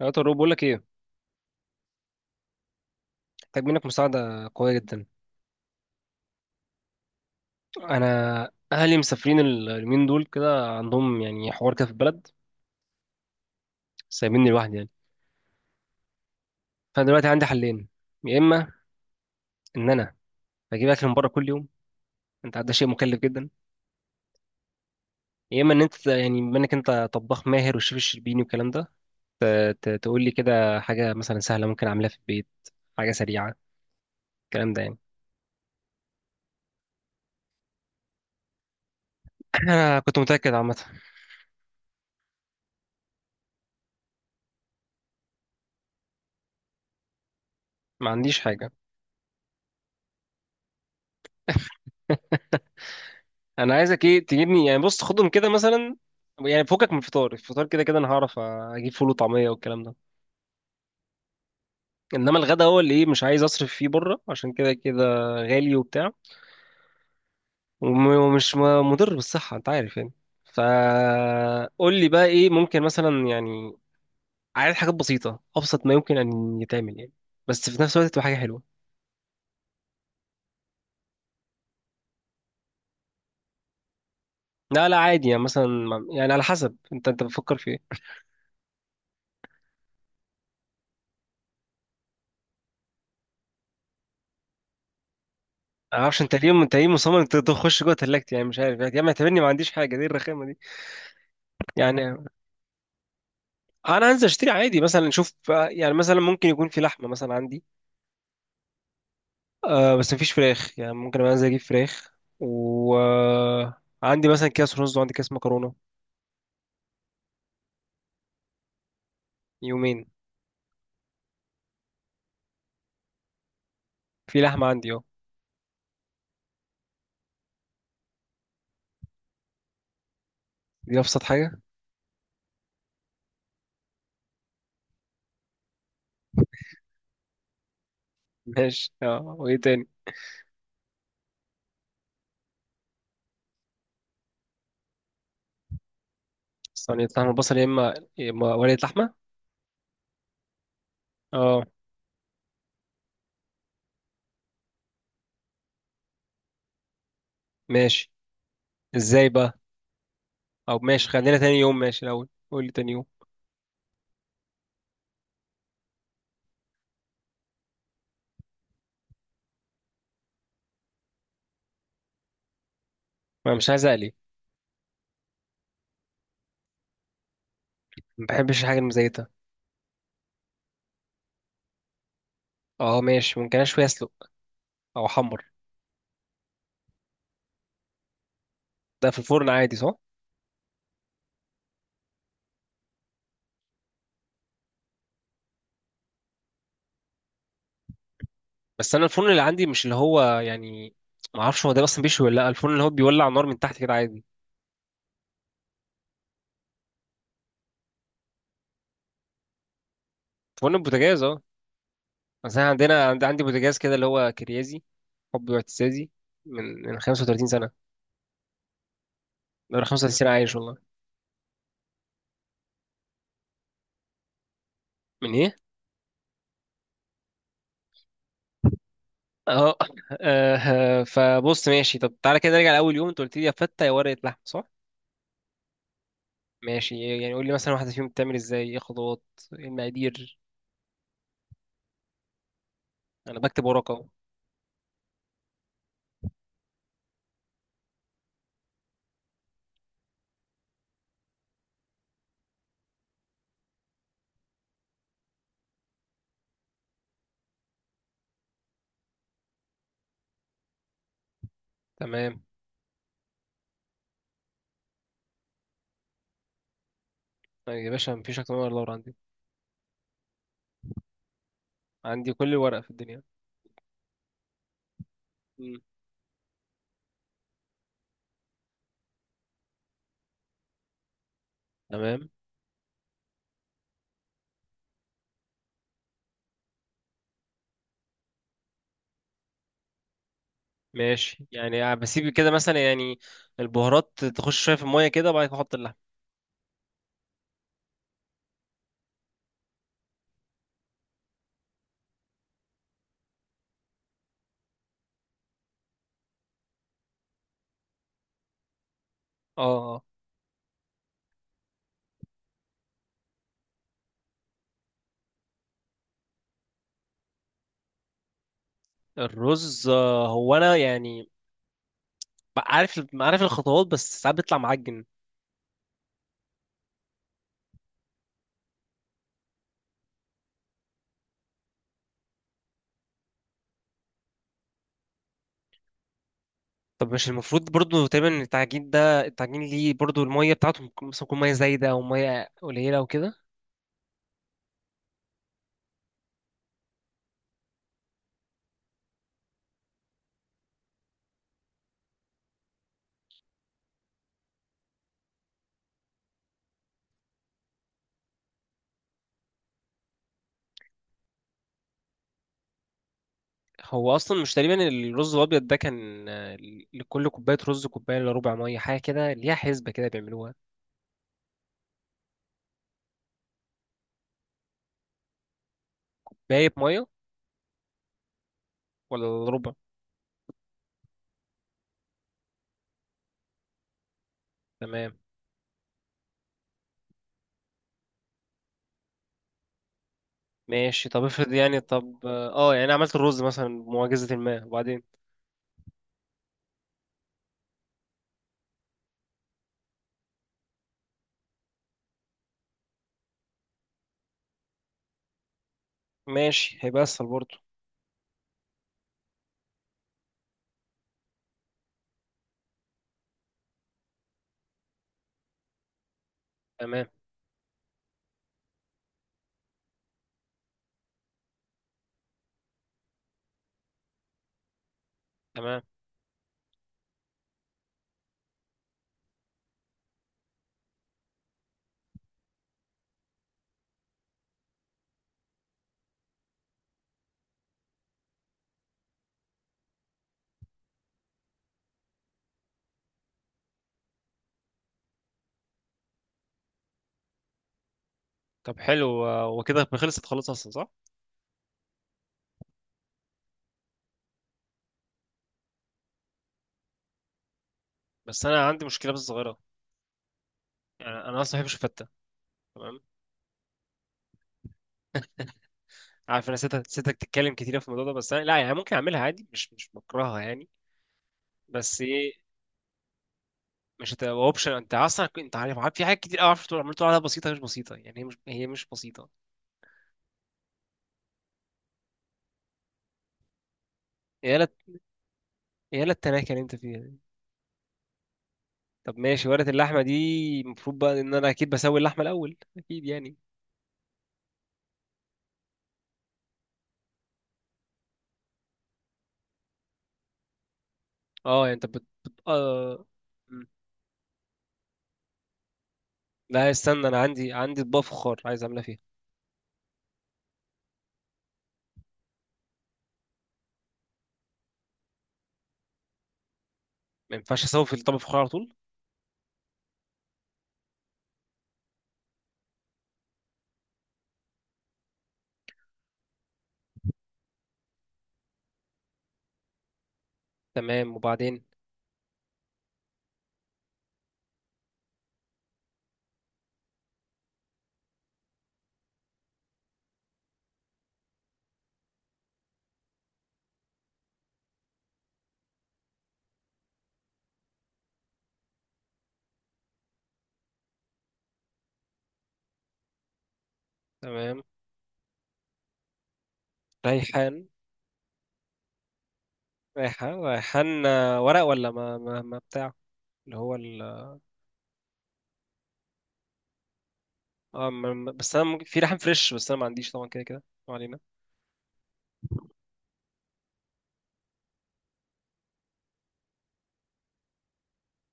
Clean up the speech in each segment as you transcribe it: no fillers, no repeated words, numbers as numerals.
يا طارق بقول لك ايه؟ محتاج منك مساعده قويه جدا. انا اهلي مسافرين اليومين دول كده عندهم يعني حوار كده في البلد. سايبيني لوحدي يعني. فانا دلوقتي عندي حلين. يا اما ان انا بجيب اكل من بره كل يوم. انت عارف ده شيء مكلف جدا. يا اما ان انت يعني بما انك انت طباخ ماهر والشيف الشربيني والكلام ده تقول لي كده حاجه مثلا سهله ممكن اعملها في البيت. حاجه سريعه. الكلام ده يعني. انا كنت متاكد عامه. ما عنديش حاجه. انا عايزك ايه تجيبني يعني بص خدهم كده مثلا. يعني فكك من الفطار، الفطار كده كده انا هعرف اجيب فول وطعميه والكلام ده. انما الغدا هو اللي ايه مش عايز اصرف فيه بره عشان كده كده غالي وبتاع. وم- ومش م- مضر بالصحه انت عارف يعني. فقول لي بقى ايه ممكن مثلا يعني. عايز حاجات بسيطه ابسط ما يمكن ان يتعمل يعني، بس في نفس الوقت تبقى حاجه حلوه. لا لا عادي يعني مثلا. يعني على حسب انت بتفكر في ايه. انا معرفش انت ليه مصمم انت تخش جوه تلاجتي يعني مش عارف يعني يا عم اعتبرني ما عنديش حاجه دي الرخامه دي. يعني انا انزل اشتري عادي مثلا اشوف. يعني مثلا ممكن يكون في لحمه مثلا عندي. آه بس مفيش فراخ يعني ممكن أبقى انزل اجيب فراخ. وعندي مثلا كاس رز وعندي كاس مكرونه. يومين. في لحمه عندي اه. دي ابسط حاجه ماشي اه وايه تاني؟ صينيه لحمه بصل، يا اما، يا إما ورقه لحمه. اه ماشي. ازاي بقى؟ او ماشي خلينا تاني يوم، ماشي الاول قول لي تاني يوم. ما مش عايز اقلي. ما بحبش الحاجه المزيته. اه ماشي ممكن اشوي اسلق او احمر. ده في الفرن عادي صح؟ بس انا الفرن اللي عندي مش اللي هو يعني. ما اعرفش هو ده اصلا بيشوي ولا لا. الفرن اللي هو بيولع نار من تحت كده عادي. فرن البوتاجاز اه. بس انا عندنا عندي بوتاجاز كده اللي هو كريازي. حبي واعتزازي. من 35 سنه. بقى 35 سنه عايش والله. من ايه؟ اه آه، فبص ماشي. طب تعالى كده نرجع لاول يوم، انت قلت لي يا فته يا ورقه لحمه صح؟ ماشي يعني قول لي مثلا واحده فيهم بتعمل ازاي، ايه خطوات، ايه المقادير؟ انا بكتب ورقه أهو. تمام. طيب يا باشا مفيش اكتر من ورقه عندي. عندي كل الورقه في الدنيا. مم. تمام ماشي يعني بسيب كده مثلا يعني البهارات تخش شويه في الميه كده وبعد كده احط اللحم. اه اه. الرز آه، هو انا يعني عارف عارف الخطوات بس ساعات بيطلع معجن. طب مش المفروض برضو تقريبا إن التعجين ده، التعجين ليه برضو الميه بتاعته ممكن- مثلا تكون ميه زايده او ميه قليله او كده. هو اصلا مش تقريبا الرز الابيض ده كان آه، لكل كوبايه رز كوبايه الا ربع ميه، حاجه كده ليها حسبه كده بيعملوها. باقي ميه ولا ربع؟ تمام ماشي. طب افرض يعني، طب اه يعني أنا عملت الرز مثلا بمعجزة ما، وبعدين؟ ماشي هيبقى اسهل برضه. تمام. تمام. طب حلو آه، وكده خلصت خلاص اصلا صح؟ بس انا عندي مشكلة بس صغيرة. يعني انا اصلا ما بحبش الفتة. تمام. عارف انا ستك ستك تتكلم كتير في الموضوع ده، بس انا لا يعني ممكن اعملها عادي مش بكرهها يعني. بس ايه. مش هتبقى اوبشن انت اصلا انت عارف، عارف في حاجات كتير قوي عارف تقول عملت عليها بسيطة مش بسيطة، يعني هي مش بسيطة. يا لا، يا لا التناكة اللي انت فيها. طب ماشي ورقة اللحمة دي، المفروض بقى ان انا اكيد بسوي اللحمة الاول اكيد يعني. اه يعني انت آه... مم. لا استنى انا عندي اطباق فخار عايز اعملها فيها. ما ينفعش اسوي في الطبق فخار على طول؟ تمام، وبعدين؟ تمام. ريحان ريحان آه، ورق ولا ما بتاع اللي هو ال... اه ما- بس انا ممكن... في ريحان فريش بس انا ما عنديش طبعا. كده كده ما علينا.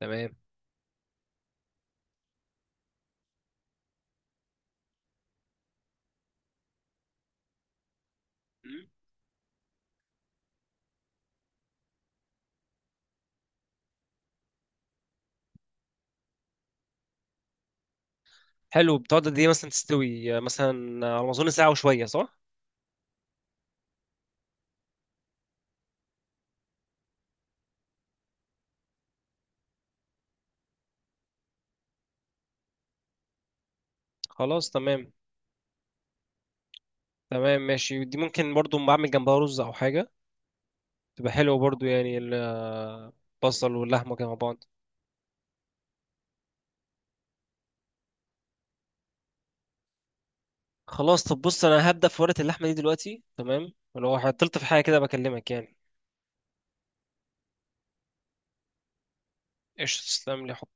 تمام. مم. حلو. بتقعد قد ايه مثلا تستوي آه، مثلا آه، على ما اظن ساعة وشوية صح؟ خلاص تمام. تمام ماشي. دي ممكن برضو بعمل جنبها رز او حاجه، تبقى حلوه برضو يعني البصل واللحمه كده مع بعض. خلاص طب بص انا هبدا في ورقه اللحمه دي دلوقتي، تمام، ولو عطلت في حاجه كده بكلمك يعني. ايش تسلم لي. حب.